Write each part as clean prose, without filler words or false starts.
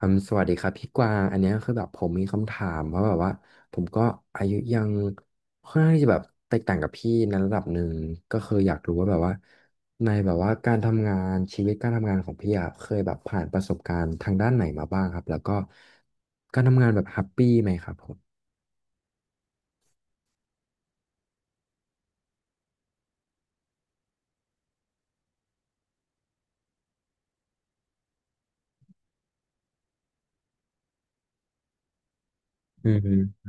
สวัสดีครับพี่กวางอันเนี้ยคือแบบผมมีคำถามว่าแบบว่าผมก็อายุยังค่อนข้างที่จะแบบแตกต่างกับพี่ในระดับหนึ่งก็คืออยากรู้ว่าแบบว่าในแบบว่าการทำงานชีวิตการทำงานของพี่อะเคยแบบผ่านประสบการณ์ทางด้านไหนมาบ้างครับแล้วก็การทำงานแบบแฮปปี้ไหมครับผมอืม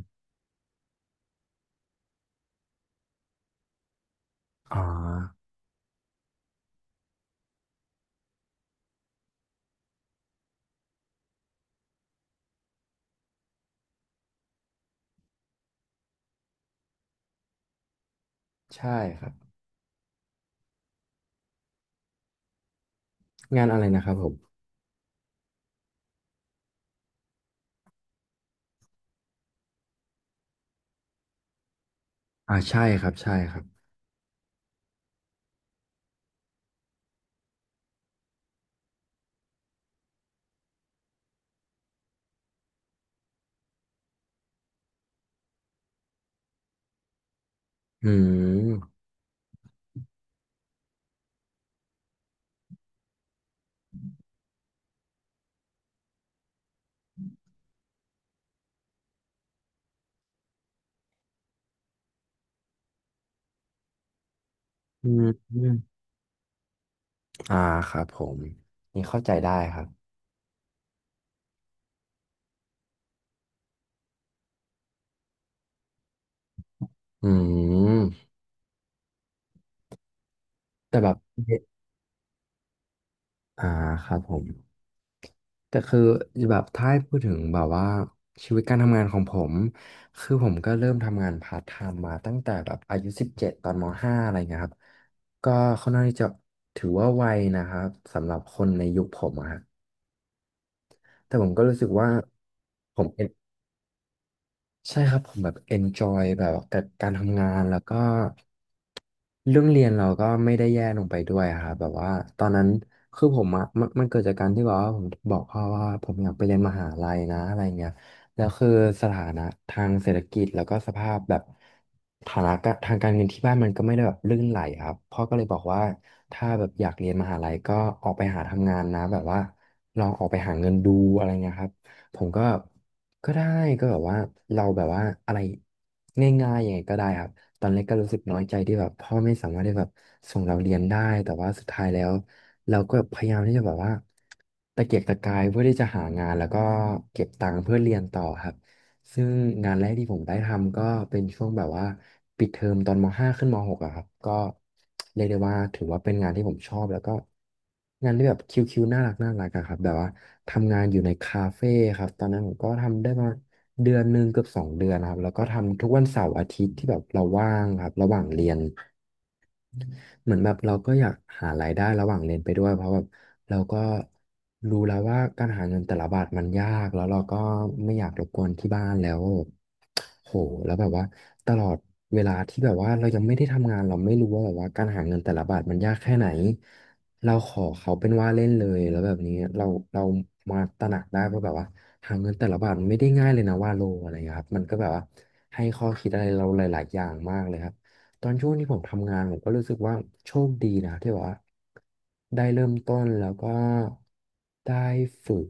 อ่าใช่ครับงานอะไรนะครับผมอ่าใช่ครับใช่ครับอืมอืมอืมอ่าครับผมนี่เข้าใจได้ครับอืม แต่แบบอ่าครับผมแต่คือแบบถ้าให้พูดถึงแบบว่าชีวิตการทำงานของผมคือผมก็เริ่มทำงานพาร์ทไทม์มาตั้งแต่แบบอายุสิบเจ็ดตอนมห้าอะไรเงี้ยครับก็ค่อนข้างที่จะถือว่าไวนะครับสำหรับคนในยุคผมอะฮะแต่ผมก็รู้สึกว่าผมเป็น ใช่ครับผมแบบ enjoy แบบกับการทำงานแล้วก็เรื่องเรียนเราก็ไม่ได้แย่ลงไปด้วยอะครับแบบว่าตอนนั้นคือผมอะมันเกิดจากการที่แบบว่าผมบอกพ่อว่าผมอยากไปเรียนมหาลัยนะอะไรเงี้ยแล้วคือสถานะทางเศรษฐกิจแล้วก็สภาพแบบฐานะกะทางการเงินที่บ้านมันก็ไม่ได้แบบลื่นไหลครับพ่อก็เลยบอกว่าถ้าแบบอยากเรียนมหาลัยก็ออกไปหาทำงานนะแบบว่าลองออกไปหาเงินดูอะไรเงี้ยครับ ผมก็ก็ได้ก็แบบว่าเราแบบว่าอะไรง่ายๆยังไงก็ได้ครับตอนแรกก็รู้สึกน้อยใจที่แบบพ่อไม่สามารถได้แบบส่งเราเรียนได้แต่ว่าสุดท้ายแล้วเราก็พยายามที่จะแบบว่าตะเกียกตะกายเพื่อที่จะหางานแล้วก็เก็บตังค์เพื่อเรียนต่อครับ ซึ่งงานแรกที่ผมได้ทำก็เป็นช่วงแบบว่าปิดเทอมตอนม .5 ขึ้นม .6 อะครับก็เรียกได้ว่าถือว่าเป็นงานที่ผมชอบแล้วก็งานที่แบบคิวๆน่ารักน่ารักอะครับแบบว่าทำงานอยู่ในคาเฟ่ครับตอนนั้นผมก็ทำได้ประมาณเดือนหนึ่งเกือบสองเดือนนะครับแล้วก็ทำทุกวันเสาร์อาทิตย์ที่แบบเราว่างครับระหว่างเรียน เหมือนแบบเราก็อยากหารายได้ระหว่างเรียนไปด้วยเพราะแบบเราก็รู้แล้วว่าการหาเงินแต่ละบาทมันยากแล้วเราก็ไม่อยากรบกวนที่บ้านแล้วโหแล้วแบบว่าตลอดเวลาที่แบบว่าเรายังไม่ได้ทำงานเราไม่รู้ว่าแบบว่าการหาเงินแต่ละบาทมันยากแค่ไหนเราขอเขาเป็นว่าเล่นเลยแล้วแบบนี้เรามาตระหนักได้ว่าแบบว่าหาเงินแต่ละบาทมันไม่ได้ง่ายเลยนะว่าโลอะไรอย่างเงี้ยครับมันก็แบบว่าให้ข้อคิดอะไรเราหลายๆอย่างมากเลยครับ ตอนช่วงที่ผมทำงานผมก็รู้สึกว่าโชคดีนะที่แบบว่าได้เริ่มต้นแล้วก็ได้ฝึก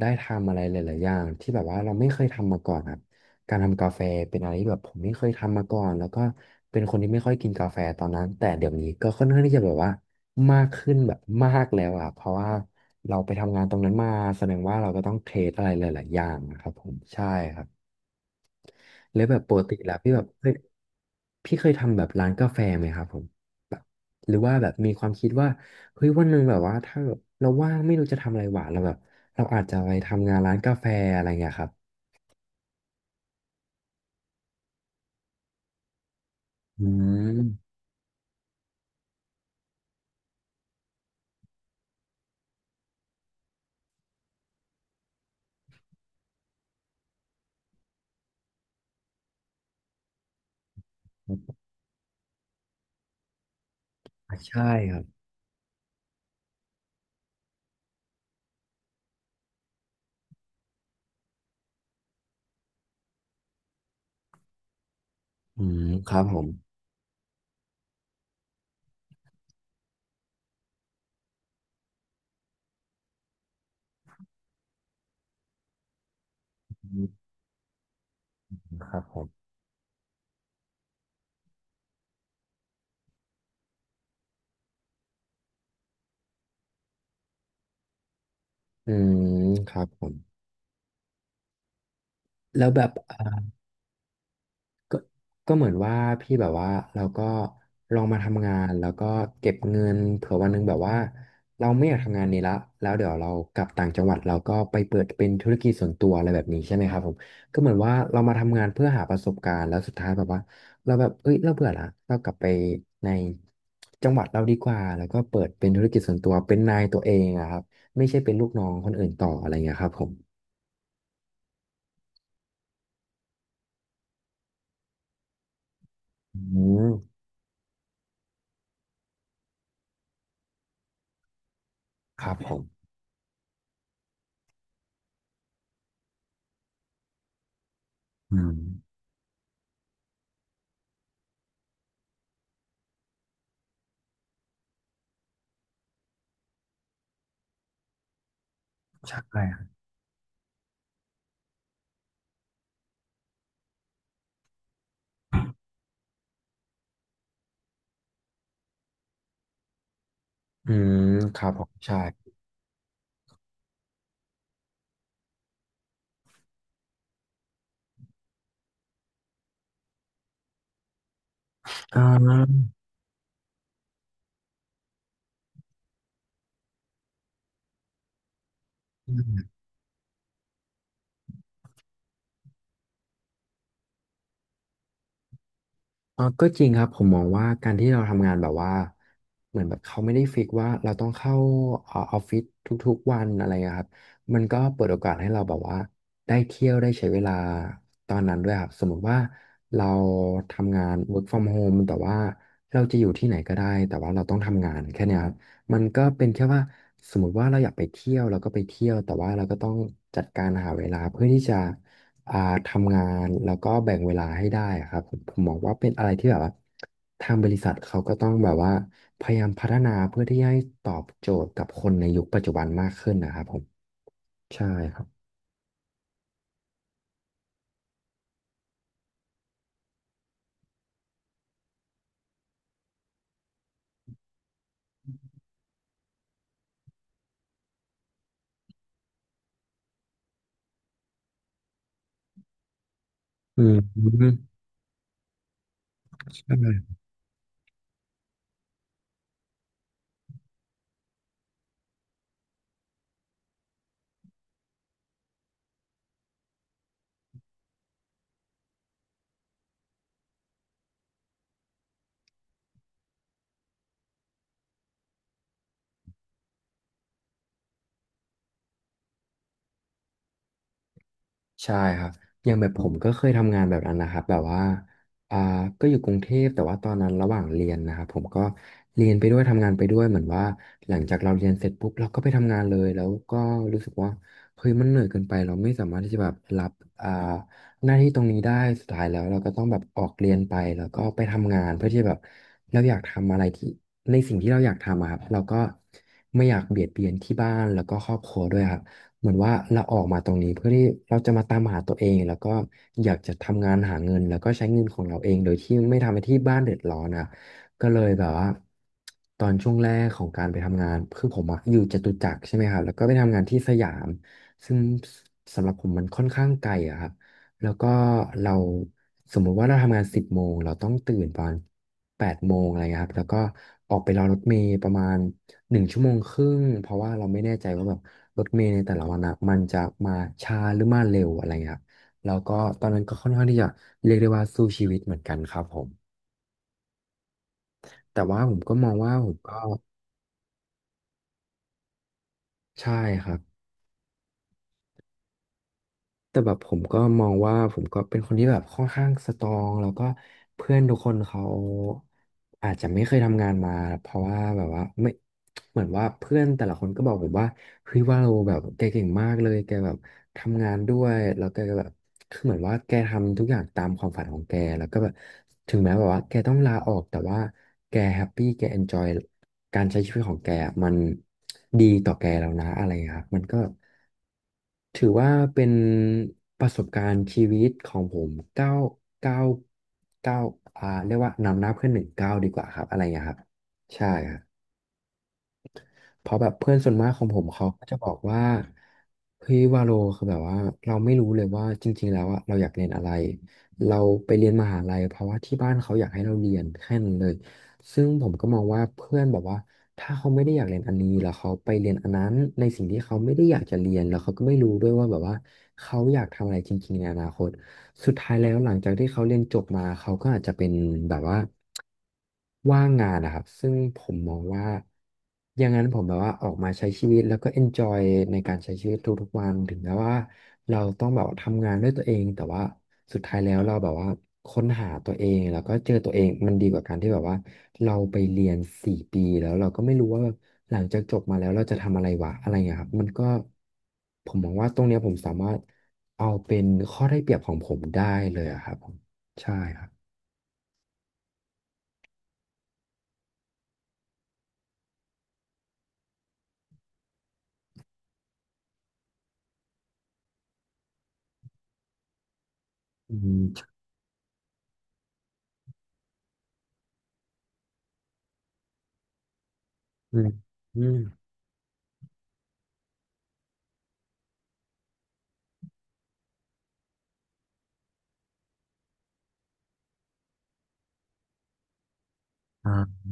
ได้ทำอะไรหลายๆอย่างที่แบบว่าเราไม่เคยทำมาก่อนครับการทำกาแฟเป็นอะไรที่แบบผมไม่เคยทำมาก่อนแล้วก็เป็นคนที่ไม่ค่อยกินกาแฟตอนนั้นแต่เดี๋ยวนี้ก็ค่อนข้างที่จะแบบว่ามากขึ้นแบบมากแล้วอ่ะเพราะว่าเราไปทำงานตรงนั้นมาแสดงว่าเราก็ต้องเทสอะไรหลายๆอย่างนะครับผมใช่ครับ แล้วแบบปกติแล้วพี่แบบเฮ้ยพี่เคยทำแบบร้านกาแฟไหมครับผมแบบหรือว่าแบบมีความคิดว่าเฮ้ยวันหนึ่งแบบว่าถ้าแบบเราว่างไม่รู้จะทำอะไรหวานเราแบบเราอาจจะไปทำงานร้านกาแฟอะไรเงี้ยครับอืมอ่ะใช่ครับอืมครับผมอืมครับผมอืมครับผมแล้วแบบ ก็ก็เหมือนว่าพี่แบบว่าเราก็ลองมาทำงานแล้วก็เก็บเงินเผื่อวันหนึ่งแบบว่าเราไม่อยากทำงานนี้ละแล้วเดี๋ยวเรากลับต่างจังหวัดเราก็ไปเปิดเป็นธุรกิจส่วนตัวอะไรแบบนี้ใช่ไหมครับผมก็เหมือนว่าเรามาทำงานเพื่อหาประสบการณ์แล้วสุดท้ายแบบว่าเราแบบเอ้ยเราเบื่อละเรากลับไปในจังหวัดเราดีกว่าแล้วก็เปิดเป็นธุรกิจส่วนตัวเป็นนายตัวเองอะครับไม่ใช่เป็นลูกน้องคนอื่นต่ออะไรเงี้ยครับผมอืมครับผมอืมใช่ อืมครับผมใช่อ่าอืมก็จริงครับผมมองว่าการที่เราทำงานแบบว่าเหมือนแบบเขาไม่ได้ฟิกว่าเราต้องเข้าออฟฟิศทุกๆวันอะไรอะครับมันก็เปิดโอกาสให้เราแบบว่าได้เที่ยวได้ใช้เวลาตอนนั้นด้วยครับสมมติว่าเราทำงาน work from home แต่ว่าเราจะอยู่ที่ไหนก็ได้แต่ว่าเราต้องทำงานแค่เนี้ยครับมันก็เป็นแค่ว่าสมมติว่าเราอยากไปเที่ยวเราก็ไปเที่ยวแต่ว่าเราก็ต้องจัดการหาเวลาเพื่อที่จะ อ่าทำงานแล้วก็แบ่งเวลาให้ได้อะครับผมมองว่าเป็นอะไรที่แบบว่าทางบริษัทเขาก็ต้องแบบว่าพยายามพัฒนาเพื่อที่ให้ตอบโจทย์กับคนในยุคปัจจุบันมากขึ้นนะครับผมใช่ครับอืมใช่ ใช่ครับอย่างแบบผมก็เคยทำงานแบบนั้นนะครับแบบว่าอ่าก็อยู่กรุงเทพแต่ว่าตอนนั้นระหว่างเรียนนะครับผมก็เรียนไปด้วยทำงานไปด้วยเหมือนว่าหลังจากเราเรียนเสร็จปุ๊บเราก็ไปทำงานเลยแล้วก็รู้สึกว่าเฮ้ยมันเหนื่อยเกินไปเราไม่สามารถที่จะแบบรับอ่าหน้าที่ตรงนี้ได้สุดท้ายแล้วเราก็ต้องแบบออกเรียนไปแล้วก็ไปทำงานเพื่อที่แบบเราอยากทำอะไรที่ในสิ่งที่เราอยากทำอะครับเราก็ไม่อยากเบียดเบียนที่บ้านแล้วก็ครอบครัวด้วยครับ เหมือนว่าเราออกมาตรงนี้เพื่อที่เราจะมาตามหาตัวเองแล้วก็อยากจะทำงานหาเงินแล้วก็ใช้เงินของเราเองโดยที่ไม่ทำให้ที่บ้านเดือดร้อนอ่ะก็เลยแบบว่าตอนช่วงแรกของการไปทำงานคือผมอะอยู่จตุจักรใช่ไหมครับแล้วก็ไปทำงานที่สยามซึ่งสำหรับผมมันค่อนข้างไกลอะครับแล้วก็เราสมมุติว่าเราทำงาน10 โมงเราต้องตื่นประมาณ8 โมงอะไรเงี้ยครับแล้วก็ออกไปรอรถเมล์ประมาณ1 ชั่วโมงครึ่งเพราะว่าเราไม่แน่ใจว่าแบบ รถเมล์ในแต่ละวันอ่ะมันจะมาช้าหรือมาเร็วอะไรเงี้ยครับแล้วก็ตอนนั้นก็ค่อนข้างที่จะเรียกได้ว่าสู้ชีวิตเหมือนกันครับผม แต่ว่าผมก็มองว่าผมก็ใช่ครับ แต่แบบผมก็มองว่าผมก็เป็นคนที่แบบค่อนข้างสตรองแล้วก็เพื่อนทุกคนเขาอาจจะไม่เคยทำงานมาเพราะว่าแบบว่าไม่เหมือนว่าเพื่อนแต่ละคนก็บอกผมว่าเฮ้ยว่าเราแบบแกเก่งมากเลยแกแบบทำงานด้วยแล้วแกก็แบบคือเหมือนว่าแกทำทุกอย่างตามความฝันของแกแล้วก็แบบถึงแม้แบบว่าแกต้องลาออกแต่ว่าแกแฮปปี้แกเอนจอยการใช้ชีวิตของแกอะมันดีต่อแกแล้วนะอะไรอย่างเงี้ยครับมันก็ ถือว่าเป็นประสบการณ์ชีวิตของผมเก้าเก้าเก้าเรียกว่านำหน้าเพื่อนหนึ่งเก้าดีกว่าครับอะไรอย่างเงี้ยครับใช่ครับ เพราะแบบเพื่อนส่วนมากของผมเขาก็จะบอกว่าเฮ้ยวาโลคือแบบว่าเราไม่รู้เลยว่าจริงๆแล้วอะเราอยากเรียนอะไรเราไปเรียนมหาลัยเพราะว่าที่บ้านเขาอยากให้เราเรียนแค่นั้นเลยซึ่งผมก็มองว่าเพื่อนแบบว่าถ้าเขาไม่ได้อยากเรียนอันนี้แล้วเขาไปเรียนอันนั้นในสิ่งที่เขาไม่ได้อยากจะเรียนแล้วเขาก็ไม่รู้ด้วยว่าแบบว่าเขาอยากทำอะไรจริงๆในอนาคต สุดท้ายแล้วหลังจากที่เขาเรียนจบมาเขาก็อาจจะเป็นแบบว่าว่างงานนะครับซึ่งผมมองว่าอย่างนั้นผมแบบว่าออกมาใช้ชีวิตแล้วก็ enjoy ในการใช้ชีวิตทุกๆวันถึงแม้ว่าเราต้องแบบทำงานด้วยตัวเองแต่ว่าสุดท้ายแล้วเราแบบว่าค้นหาตัวเองแล้วก็เจอตัวเองมันดีกว่าการที่แบบว่าเราไปเรียน4 ปีแล้วเราก็ไม่รู้ว่าหลังจากจบมาแล้วเราจะทำอะไรวะอะไรเงี้ยครับมันก็ ผมมองว่าตรงเนี้ยผมสามารถเอาเป็นข้อได้เปรียบของผมได้เลยอะครับผมใช่ครับอืมใช่อืมอ่า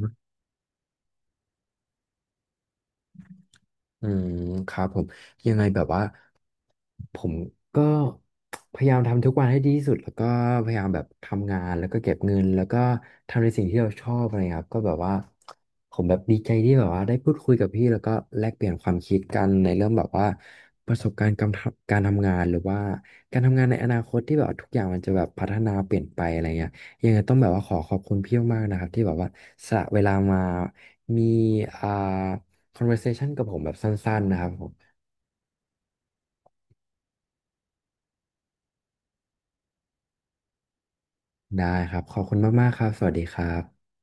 อืมครับผมยังไงแบบว่าผมก็พยายามทำทุกวันให้ดีที่สุดแล้วก็พยายามแบบทำงานแล้วก็เก็บเงินแล้วก็ทำในสิ่งที่เราชอบอะไรครับก็แบบว่าผมแบบดีใจที่แบบว่าได้พูดคุยกับพี่แล้วก็แลกเปลี่ยนความคิดกันในเรื่องแบบว่าประสบการณ์การทำงานหรือว่าการทำงานในอนาคตที่แบบว่าทุกอย่างมันจะแบบพัฒนาเปลี่ยนไปอะไรเงี้ยยังไงต้องแบบว่าขอขอบคุณพี่มากๆนะครับที่แบบว่าสละเวลามามีอ่า conversation กับผมแบบสั้นๆนะครับผมได้ครับขอบคุณมากๆครับสวัสดีครับ